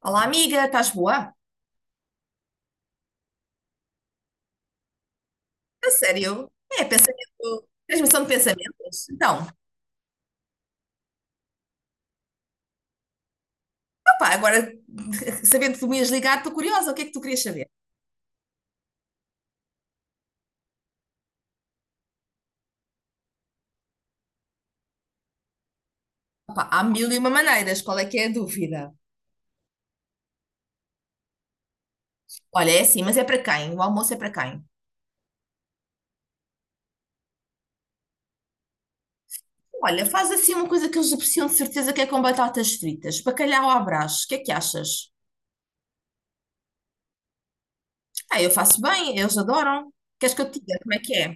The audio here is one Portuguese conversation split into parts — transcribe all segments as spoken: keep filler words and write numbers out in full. Olá, amiga, estás boa? A sério? É pensamento, transmissão de pensamentos? Então, opá, agora sabendo que tu me ias ligar, estou curiosa, o que é que tu querias saber? Opá, há mil e uma maneiras, qual é que é a dúvida? Olha, é assim, mas é para quem? O almoço é para quem? Olha, faz assim uma coisa que eles apreciam de certeza que é com batatas fritas, bacalhau à Brás, o que é que achas? Ah, eu faço bem, eles adoram. Queres que eu te diga como é que é?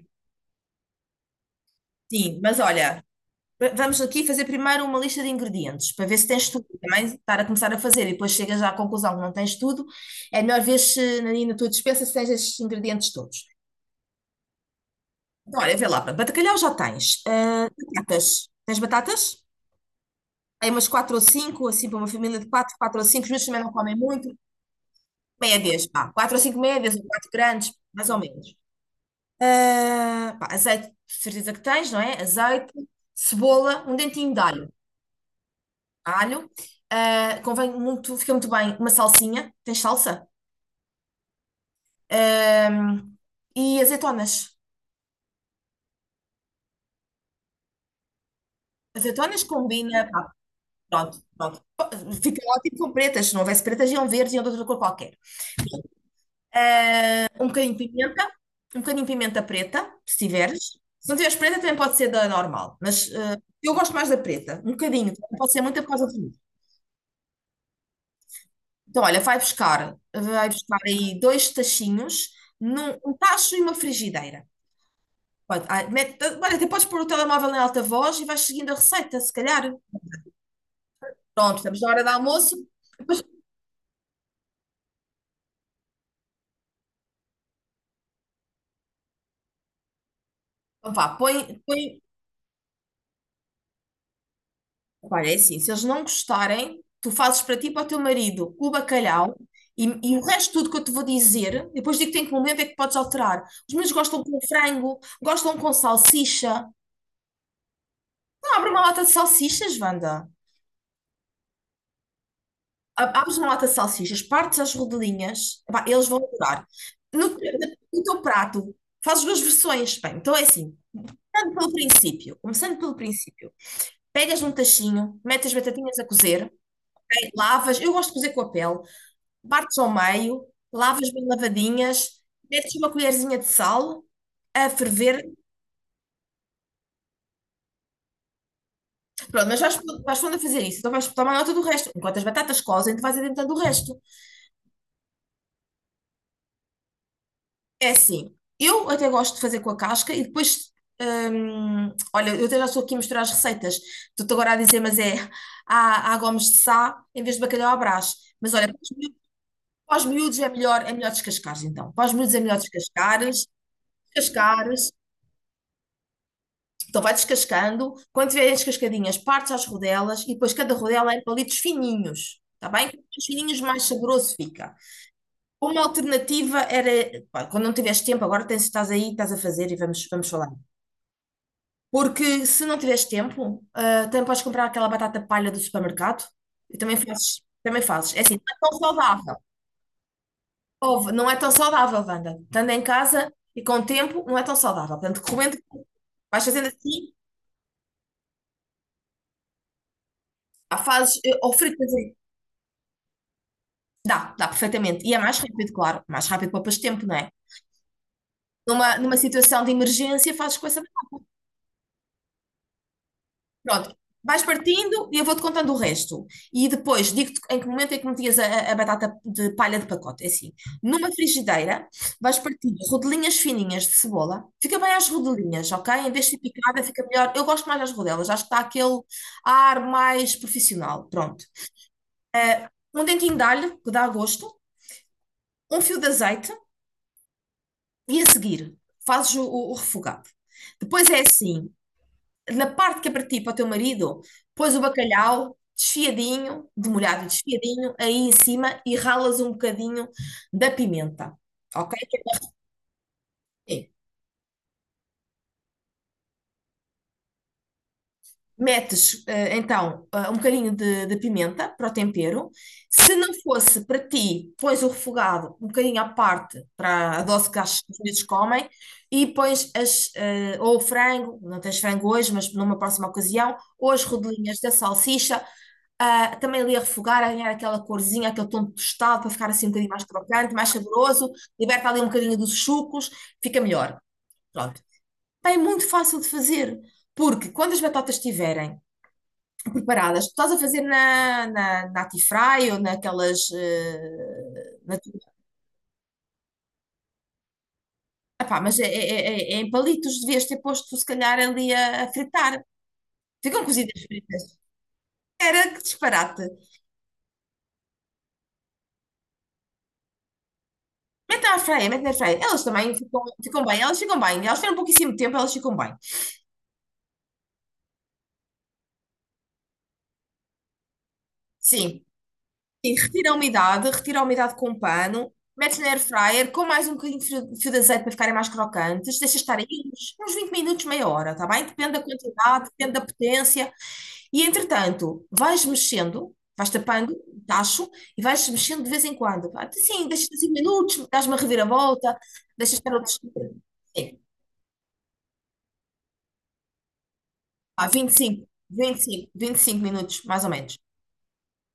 Sim, mas olha, Va- Vamos aqui fazer primeiro uma lista de ingredientes para ver se tens tudo. Também estar a começar a fazer e depois chegas à conclusão que não tens tudo, é melhor ver se na, na tua despensa se tens estes ingredientes todos. Então, olha, vê lá, pá, bacalhau já tens. Ah, batatas. Tens batatas? Aí umas quatro ou cinco, assim, para uma família de quatro, quatro ou cinco, os meus também não comem muito. Médias, pá, quatro ou cinco médias, ou quatro grandes, mais ou menos. Ah, pá, azeite, de certeza que tens, não é? Azeite, cebola, um dentinho de alho. alho. Ah, convém muito, fica muito bem uma salsinha. Tens salsa? Ah, e azeitonas. Azeitonas combina, pá. Pronto, pronto. Fica ótimo com pretas. Se não houvesse pretas, iam verdes, iam de outra cor qualquer. Um bocadinho de pimenta, um bocadinho de pimenta preta, se tiveres. Se não tiveres preta, também pode ser da normal. Mas ah, eu gosto mais da preta. Um bocadinho, também pode ser muita por causa do milho. Então, olha, vai buscar, vai buscar aí dois tachinhos, num- um tacho e uma frigideira. Pode, ai, mete- olha, até podes pôr o telemóvel em alta voz e vais seguindo a receita, se calhar. Pronto, estamos na hora do almoço. Depois, então vá, põe, põe. Olha, é assim, se eles não gostarem, tu fazes para ti e para o teu marido o bacalhau e, e o resto tudo que eu te vou dizer, depois digo-te em que um momento é que podes alterar. Os meus gostam com frango, gostam com salsicha. Não, abre uma lata de salsichas, Wanda. A- Abres uma lata de salsichas, partes as rodelinhas, epá, eles vão adorar. No, no teu prato, fazes duas versões. Bem, então é assim. Começando pelo princípio, começando pelo princípio, pegas um tachinho, metes as batatinhas a cozer, lavas, eu gosto de cozer com a pele, partes ao meio, lavas bem lavadinhas, metes uma colherzinha de sal a ferver, pronto, mas vais, vais pondo a fazer isso, então vais tomar nota do resto, enquanto as batatas cozem, tu vais adiantando o resto. É assim, eu até gosto de fazer com a casca e depois, hum, olha, eu até já estou aqui a misturar as receitas, estou-te agora a dizer, mas é, há, há gomes de sá em vez de bacalhau à Brás, mas olha, para os miúdos é melhor, é melhor descascares, então. Para os miúdos é melhor descascares, descascares. Então vai descascando. Quando tiverem descascadinhas, partes às rodelas e depois cada rodela é em palitos fininhos. Está bem? Quanto mais fininhos, mais saboroso fica. Uma alternativa era, pá, quando não tiveres tempo, agora tens, estás aí, estás a fazer e vamos, vamos falar. Porque se não tiveres tempo, ah, também podes comprar aquela batata palha do supermercado e também fazes, também fazes. É assim, não é tão saudável. Ouve, não é tão saudável, Wanda. Estando em casa e com o tempo, não é tão saudável. Portanto, recomendo que vais fazendo assim, há fases, eh, ou fritas. em- Dá, dá perfeitamente. E é mais rápido, claro. Mais rápido poupas tempo, não é? Numa, numa situação de emergência, fazes coisa. Pronto, vais partindo e eu vou-te contando o resto. E depois digo-te em que momento é que metias a, a batata de palha de pacote. É assim, numa frigideira vais partindo rodelinhas fininhas de cebola. Fica bem às rodelinhas, ok? Em vez de ser picada, fica melhor. Eu gosto mais das rodelas, acho que dá aquele ar mais profissional. Pronto. Eh, Um dentinho de alho, que dá gosto, um fio de azeite e a seguir fazes o, o- o refogado. Depois é assim, na parte que é para ti, para o teu marido, pões o bacalhau desfiadinho, demolhado e desfiadinho, aí em cima e ralas um bocadinho da pimenta, ok? Metes, eh, então, eh, um bocadinho de, de pimenta para o tempero. Se não fosse para ti, pões o refogado um bocadinho à parte para a dose que acho que os miúdos comem e pões as, eh, ou o frango, não tens frango hoje, mas numa próxima ocasião, ou as rodelinhas da salsicha, ah, também ali a refogar, a ganhar aquela corzinha, aquele tom tostado para ficar assim um bocadinho mais crocante, mais saboroso, liberta ali um bocadinho dos sucos, fica melhor. Pronto. Pá, é muito fácil de fazer, porque quando as batatas estiverem preparadas. Tu estás a fazer na, na, na Atifry ou naquelas. eh, na- tua- Epá, mas é, é- é- é em palitos, devias ter posto, se calhar, ali a, a fritar. Ficam cozidas fritas. Era que disparate. Mete na airfryer, mete na airfryer. Elas também ficam, ficam bem, elas ficam bem. Elas tiveram pouquíssimo tempo, elas ficam bem. Sim. Sim, retira a umidade, retira a umidade com um pano, metes na air fryer com mais um bocadinho de fio, de fio, de azeite para ficarem mais crocantes, deixa estar aí uns, uns vinte minutos, meia hora, tá bem? Depende da quantidade, depende da potência. E entretanto, vais mexendo, vais tapando o tacho e vais mexendo de vez em quando. Pá, sim, deixa cinco minutos, dás uma reviravolta, deixa estar outros. Sim, pá, vinte e cinco vinte e cinco, vinte e cinco minutos, mais ou menos.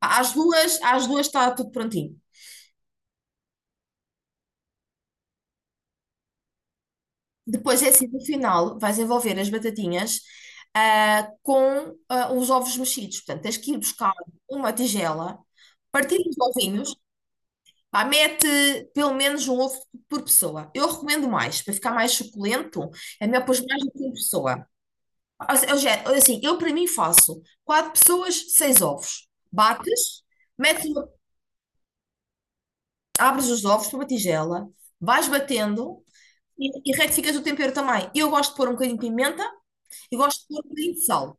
Às duas, às duas está tudo prontinho. Depois é assim, no final, vais envolver as batatinhas ah, com ah, os ovos mexidos. Portanto, tens que ir buscar uma tigela, partir os ovinhos, pá, mete pelo menos um ovo por pessoa. Eu recomendo mais, para ficar mais suculento, é melhor pôr mais do que uma pessoa. Ou se- ou seja, assim, eu para mim faço quatro pessoas, seis ovos. Bates, metes uma- abres os ovos para uma tigela, vais batendo e, e retificas o tempero também. Eu gosto de pôr um bocadinho de pimenta. Eu gosto de pôr um bocadinho de sal.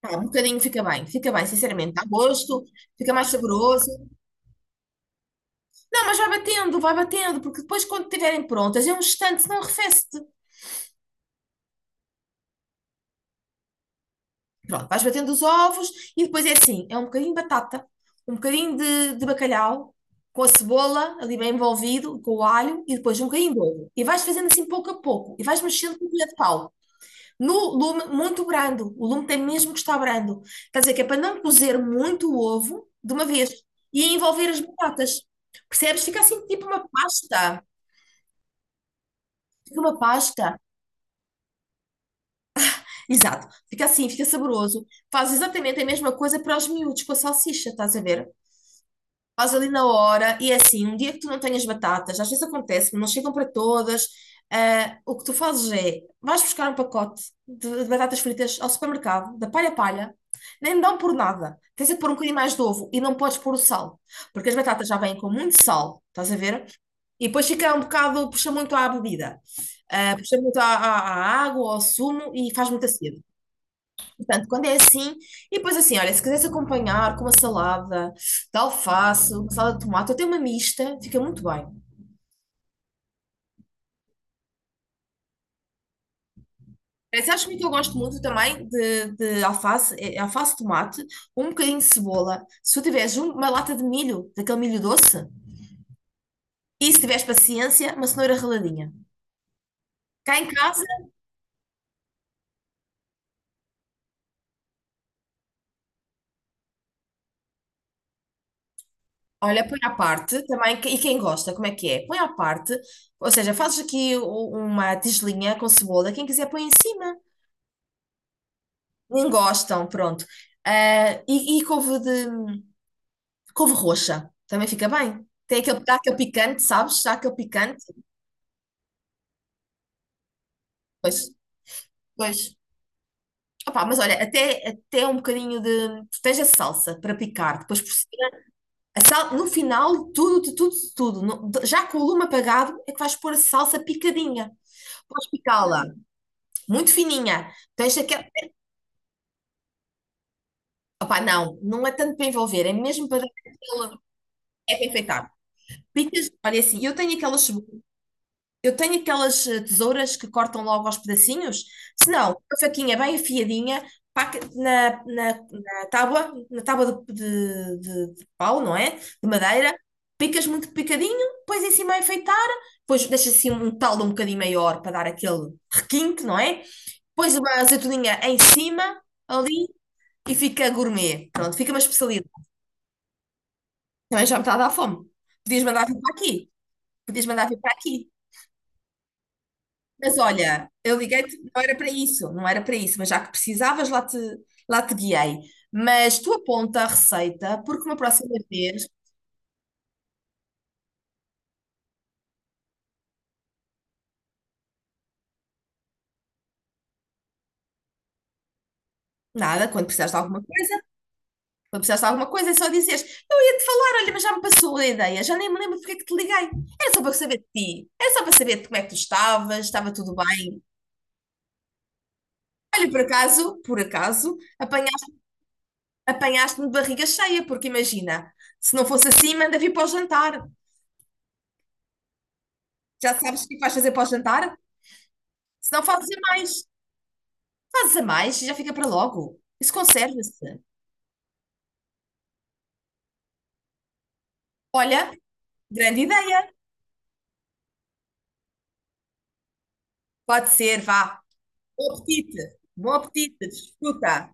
Pá, um bocadinho fica bem, fica bem, sinceramente, dá gosto, fica mais saboroso. Não, mas vai batendo, vai batendo, porque depois quando estiverem prontas, é um instante, senão arrefece-te. Pronto, vais batendo os ovos e depois é assim, é um bocadinho de batata, um bocadinho de, de bacalhau, com a cebola ali bem envolvido, com o alho e depois um bocadinho de ovo. E vais fazendo assim pouco a pouco, e vais mexendo com o colher de pau. No lume muito brando. O lume tem mesmo que estar brando. Quer dizer que é para não cozer muito o ovo de uma vez e envolver as batatas. Percebes? Fica assim tipo uma pasta. Fica uma pasta. Exato. Fica assim, fica saboroso. Faz exatamente a mesma coisa para os miúdos com a salsicha, estás a ver? Faz ali na hora, e é assim, um dia que tu não tenhas batatas, às vezes acontece, não chegam para todas, ah, o que tu fazes é, vais buscar um pacote de, de batatas fritas ao supermercado, da palha a palha, nem dão por nada, tens de pôr um bocadinho mais de ovo, e não podes pôr o sal, porque as batatas já vêm com muito sal, estás a ver? E depois fica um bocado, puxa muito à bebida, ah, puxa muito à, à- à água, ao sumo, e faz muita sede. Portanto, quando é assim, e depois assim, olha, se quiseres acompanhar com uma salada de alface, uma salada de tomate, eu tenho uma mista, fica muito bem. Eh, Sabes como é que eu gosto muito também de, de alface, eh, alface, tomate, um bocadinho de cebola. Se tu tiveres um- uma lata de milho, daquele milho doce, e se tiveres paciência, uma cenoura raladinha. Cá em casa, olha, põe à parte também, que- e quem gosta, como é que é? Põe à parte, ou seja, fazes aqui o- uma tigelinha com cebola, quem quiser põe em cima. Nem gostam, pronto. Ah, e, e couve de couve roxa, também fica bem. Tem aquele, dá aquele picante, sabes? Dá aquele picante. Pois, pois. Opa, mas olha, até, até um bocadinho de. Tu tens a salsa para picar, depois por cima. A sal, no final, tudo, de tudo, de tudo. no- de- já com o lume apagado, é que vais pôr a salsa picadinha. Podes picá-la, muito fininha. Tens aquela. Opa, não, não é tanto para envolver, é mesmo para dar aquela. É para enfeitar. Picas, olha assim, eu tenho aquelas cebolas. Eu tenho aquelas eh, tesouras que cortam logo aos pedacinhos. Se não, uma faquinha bem afiadinha, pá, que- na, na, na tábua, na tábua de, de, de- de pau, não é? De madeira. Picas muito picadinho, pões em cima a enfeitar, depois deixas assim um talo um bocadinho maior para dar aquele requinte, não é? Pões uma azeitoninha em cima, ali, e fica gourmet. Pronto, fica uma especialidade. Também já me está a dar fome. Podias mandar vir para aqui. Podias mandar vir para aqui. Mas olha, eu liguei-te, não era para isso, não era para isso, mas já que precisavas, lá te, lá te guiei. Mas tu aponta a receita, porque uma próxima vez, nada, quando precisares de alguma coisa, quando precisares de alguma coisa, é só dizeres, eu ia-te falar, olha, mas já me passou a ideia, já nem me lembro porque é que te liguei. Era só para saber de ti, era só para saber de como é que tu estavas, estava tudo bem. Olha, por acaso, por acaso, apanhaste, apanhaste-me de barriga cheia, porque imagina, se não fosse assim, manda vir para o jantar. Já sabes o que vais fazer para o jantar? Se não fazes a mais. Fazes a mais e já fica para logo. Isso conserva-se. Olha, grande ideia. Pode ser, vá. Bom apetite. Bom apetite. Desfruta.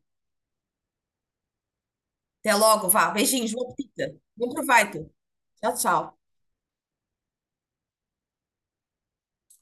Até logo, vá. Beijinhos, bom apetite. Bom proveito. Tchau, tchau.